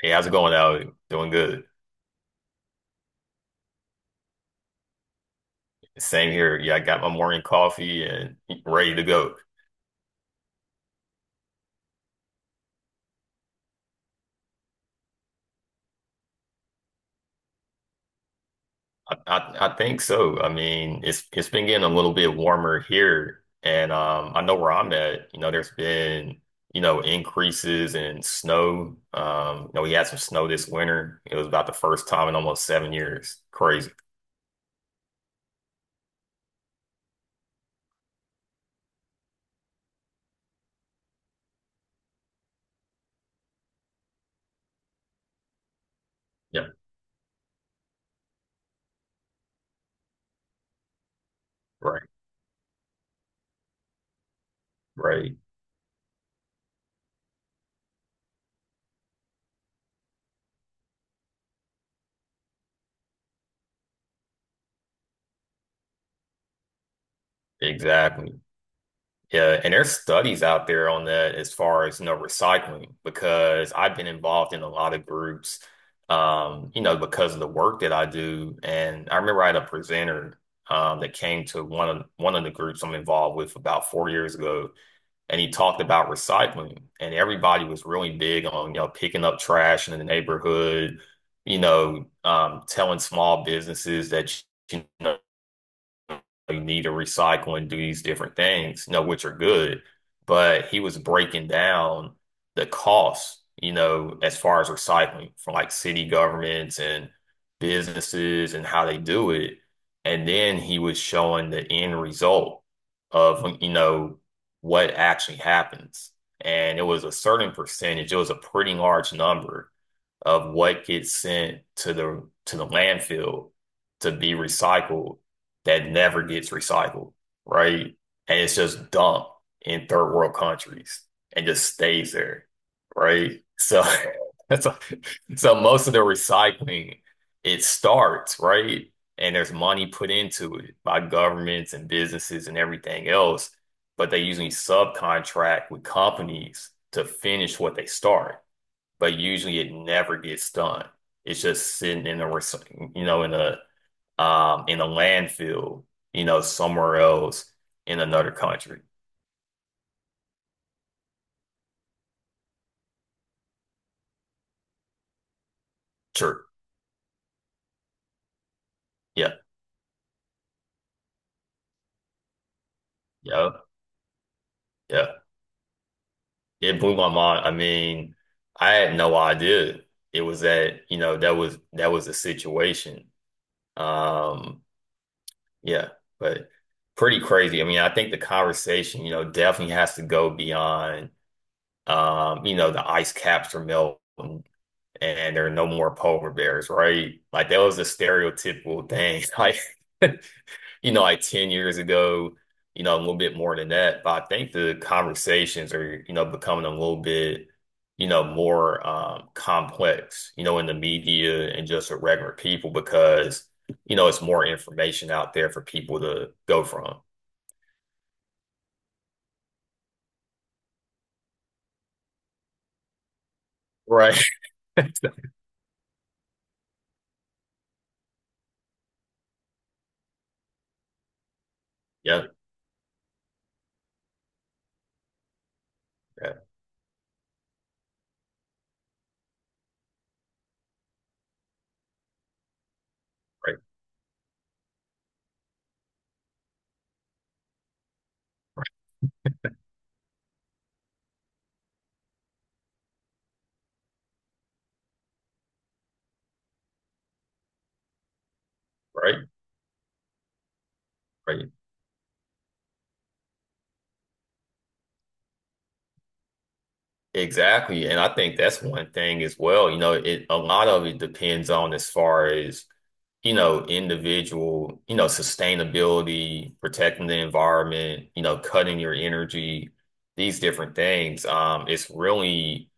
Hey, how's it going out? Doing good. Same here. Yeah, I got my morning coffee and ready to go. I think so. I mean, it's been getting a little bit warmer here, and I know where I'm at. You know, there's been increases in snow. You know, we had some snow this winter. It was about the first time in almost 7 years. Crazy. Yeah. Right. Right. Exactly. Yeah, and there's studies out there on that as far as, you know, recycling, because I've been involved in a lot of groups, you know, because of the work that I do. And I remember I had a presenter that came to one of the groups I'm involved with about 4 years ago, and he talked about recycling. And everybody was really big on picking up trash in the neighborhood, telling small businesses that, you know, you need to recycle and do these different things, which are good. But he was breaking down the costs, as far as recycling for like city governments and businesses and how they do it. And then he was showing the end result of what actually happens. And it was a certain percentage, it was a pretty large number of what gets sent to the landfill to be recycled that never gets recycled, right? And it's just dumped in third world countries and just stays there, right? So that's a, so most of the recycling it starts, right? And there's money put into it by governments and businesses and everything else, but they usually subcontract with companies to finish what they start but usually it never gets done. It's just sitting in a, recy- you know, in a landfill, you know, somewhere else in another country. Sure. Yeah. Yeah. Yeah. It blew my mind. I mean, I had no idea it was that, you know, that was the situation. Um, yeah, but pretty crazy. I mean, I think the conversation definitely has to go beyond the ice caps are melting and there are no more polar bears, right? Like that was a stereotypical thing. Like, like 10 years ago, a little bit more than that. But I think the conversations are becoming a little bit more complex, in the media and just with regular people because it's more information out there for people to go from. Right. Yeah. Yeah. Right. Right. Right. Right. Exactly. And I think that's one thing as well. You know, it a lot of it depends on as far as individual, sustainability, protecting the environment, cutting your energy, these different things. It's really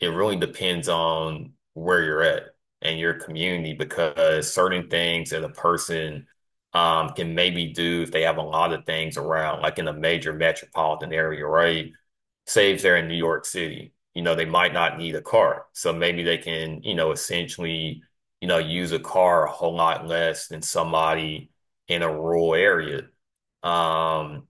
it really depends on where you're at and your community because certain things that a person can maybe do if they have a lot of things around, like in a major metropolitan area, right? Say if they're in New York City, they might not need a car. So maybe they can essentially use a car a whole lot less than somebody in a rural area. Um,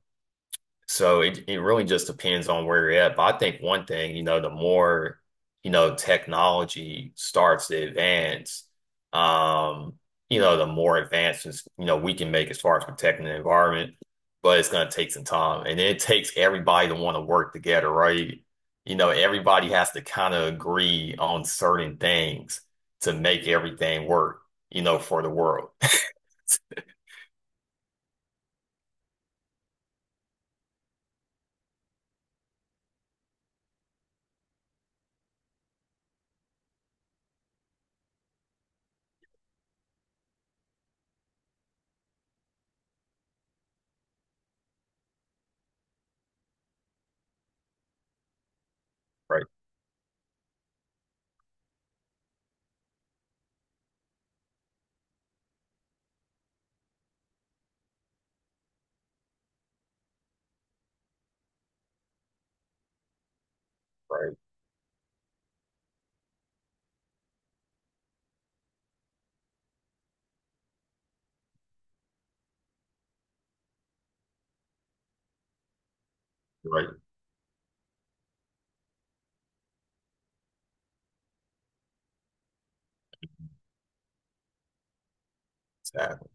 so it really just depends on where you're at. But I think one thing, the more, technology starts to advance, um, the more advancements, we can make as far as protecting the environment, but it's gonna take some time. And it takes everybody to want to work together, right? You know, everybody has to kind of agree on certain things to make everything work, for the world. Right, right, right. Exactly.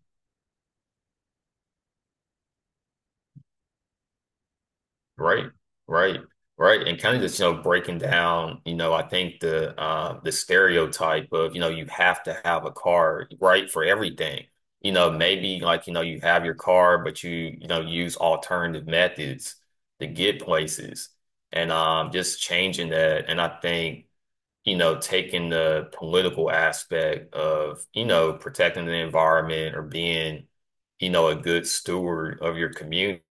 Right, right, right. And kind of just breaking down, I think the stereotype of you have to have a car, right, for everything. You know, maybe like you have your car, but you use alternative methods to get places and just changing that. And I think taking the political aspect of protecting the environment or being a good steward of your community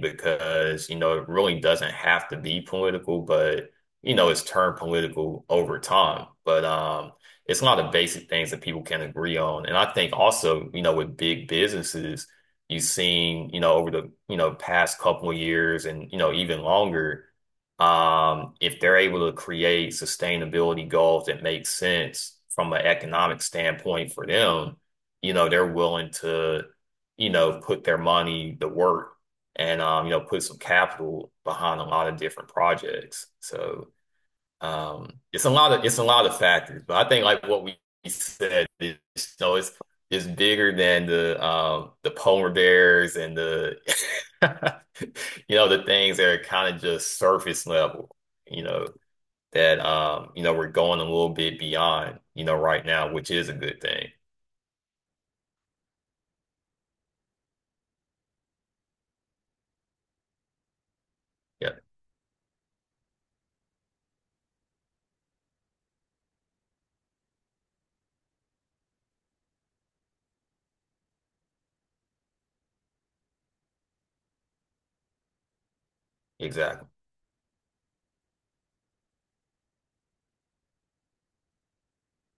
because, you know, it really doesn't have to be political, but it's turned political over time. But it's a lot of basic things that people can agree on. And I think also, you know, with big businesses, you've seen, over the past couple of years and, even longer, if they're able to create sustainability goals that make sense from an economic standpoint for them, you know, they're willing to put their money to work and put some capital behind a lot of different projects. So it's a lot of factors, but I think like what we said is you know, it's it's bigger than the polar bears and the the things that are kind of just surface level, you know, that we're going a little bit beyond, right now, which is a good thing. Yeah, exactly.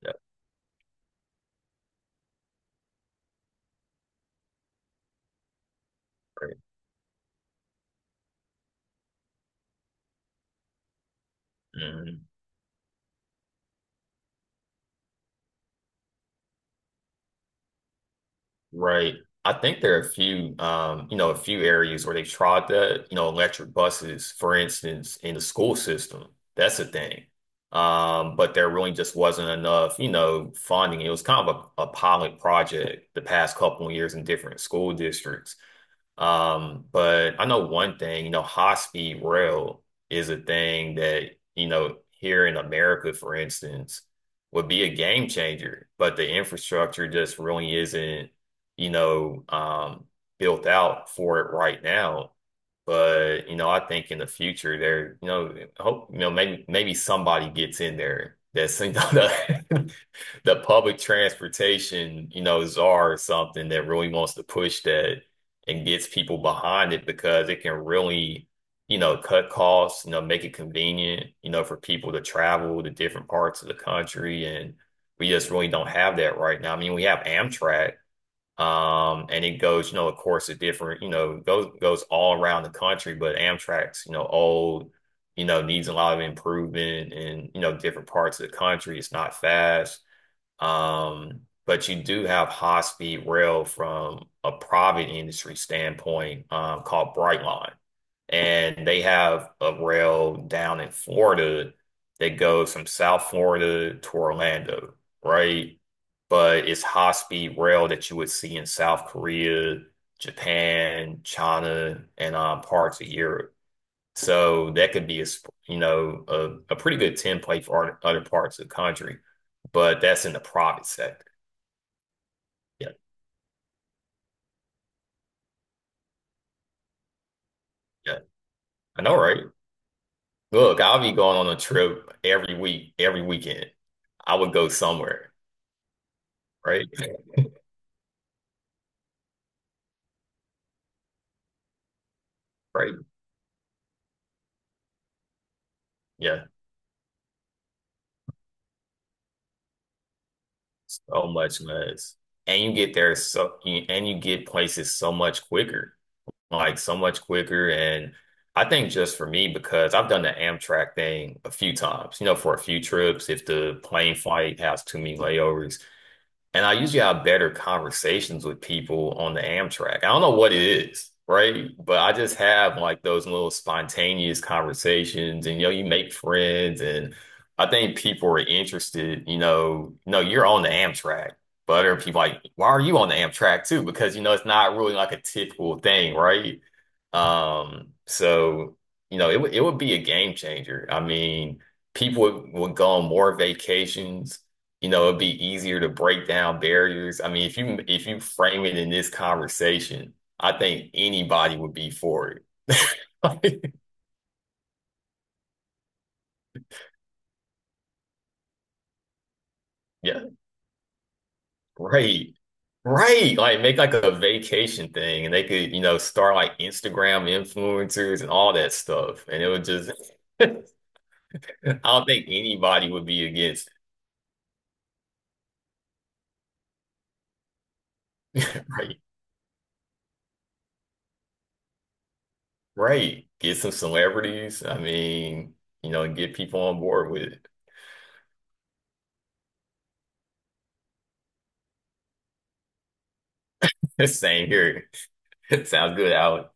Yeah, great. Mhm. Right. I think there are a few areas where they tried that, electric buses, for instance, in the school system. That's a thing. But there really just wasn't enough funding. It was kind of a pilot project the past couple of years in different school districts. But I know one thing, high speed rail is a thing that, here in America, for instance, would be a game changer, but the infrastructure just really isn't, you know, um, built out for it right now. But, you know, I think in the future there, I hope, maybe somebody gets in there that's, the public transportation, czar or something that really wants to push that and gets people behind it because it can really cut costs, make it convenient, for people to travel to different parts of the country. And we just really don't have that right now. I mean, we have Amtrak, and it goes, of course, a different, you know, goes goes all around the country, but Amtrak's old, needs a lot of improvement in different parts of the country. It's not fast. But you do have high speed rail from a private industry standpoint, called Brightline. And they have a rail down in Florida that goes from South Florida to Orlando, right? But it's high speed rail that you would see in South Korea, Japan, China, and parts of Europe. So that could be a you know a pretty good template for other parts of the country, but that's in the private sector. Yeah, yeah, I know, right? Look, I'll be going on a trip every week, every weekend. I would go somewhere, right? Right? Yeah, so much less, and you get there so and you get places so much quicker. Like so much quicker. And I think just for me, because I've done the Amtrak thing a few times, for a few trips, if the plane flight has too many layovers. And I usually have better conversations with people on the Amtrak. I don't know what it is, right? But I just have like those little spontaneous conversations and you make friends and I think people are interested, no, you're on the Amtrak. But other people like, why are you on the Amtrak too? Because you know, it's not really like a typical thing, right? So you know, it would be a game changer. I mean, people would go on more vacations. It'd be easier to break down barriers. I mean, if you frame it in this conversation, I think anybody would be for it. Like, yeah, great. Right. Like make like a vacation thing and they could start like Instagram influencers and all that stuff. And it would just I don't think anybody would be against it. Right. Right. Get some celebrities. I mean, you know, get people on board with it. Same here. Sounds good, Alex.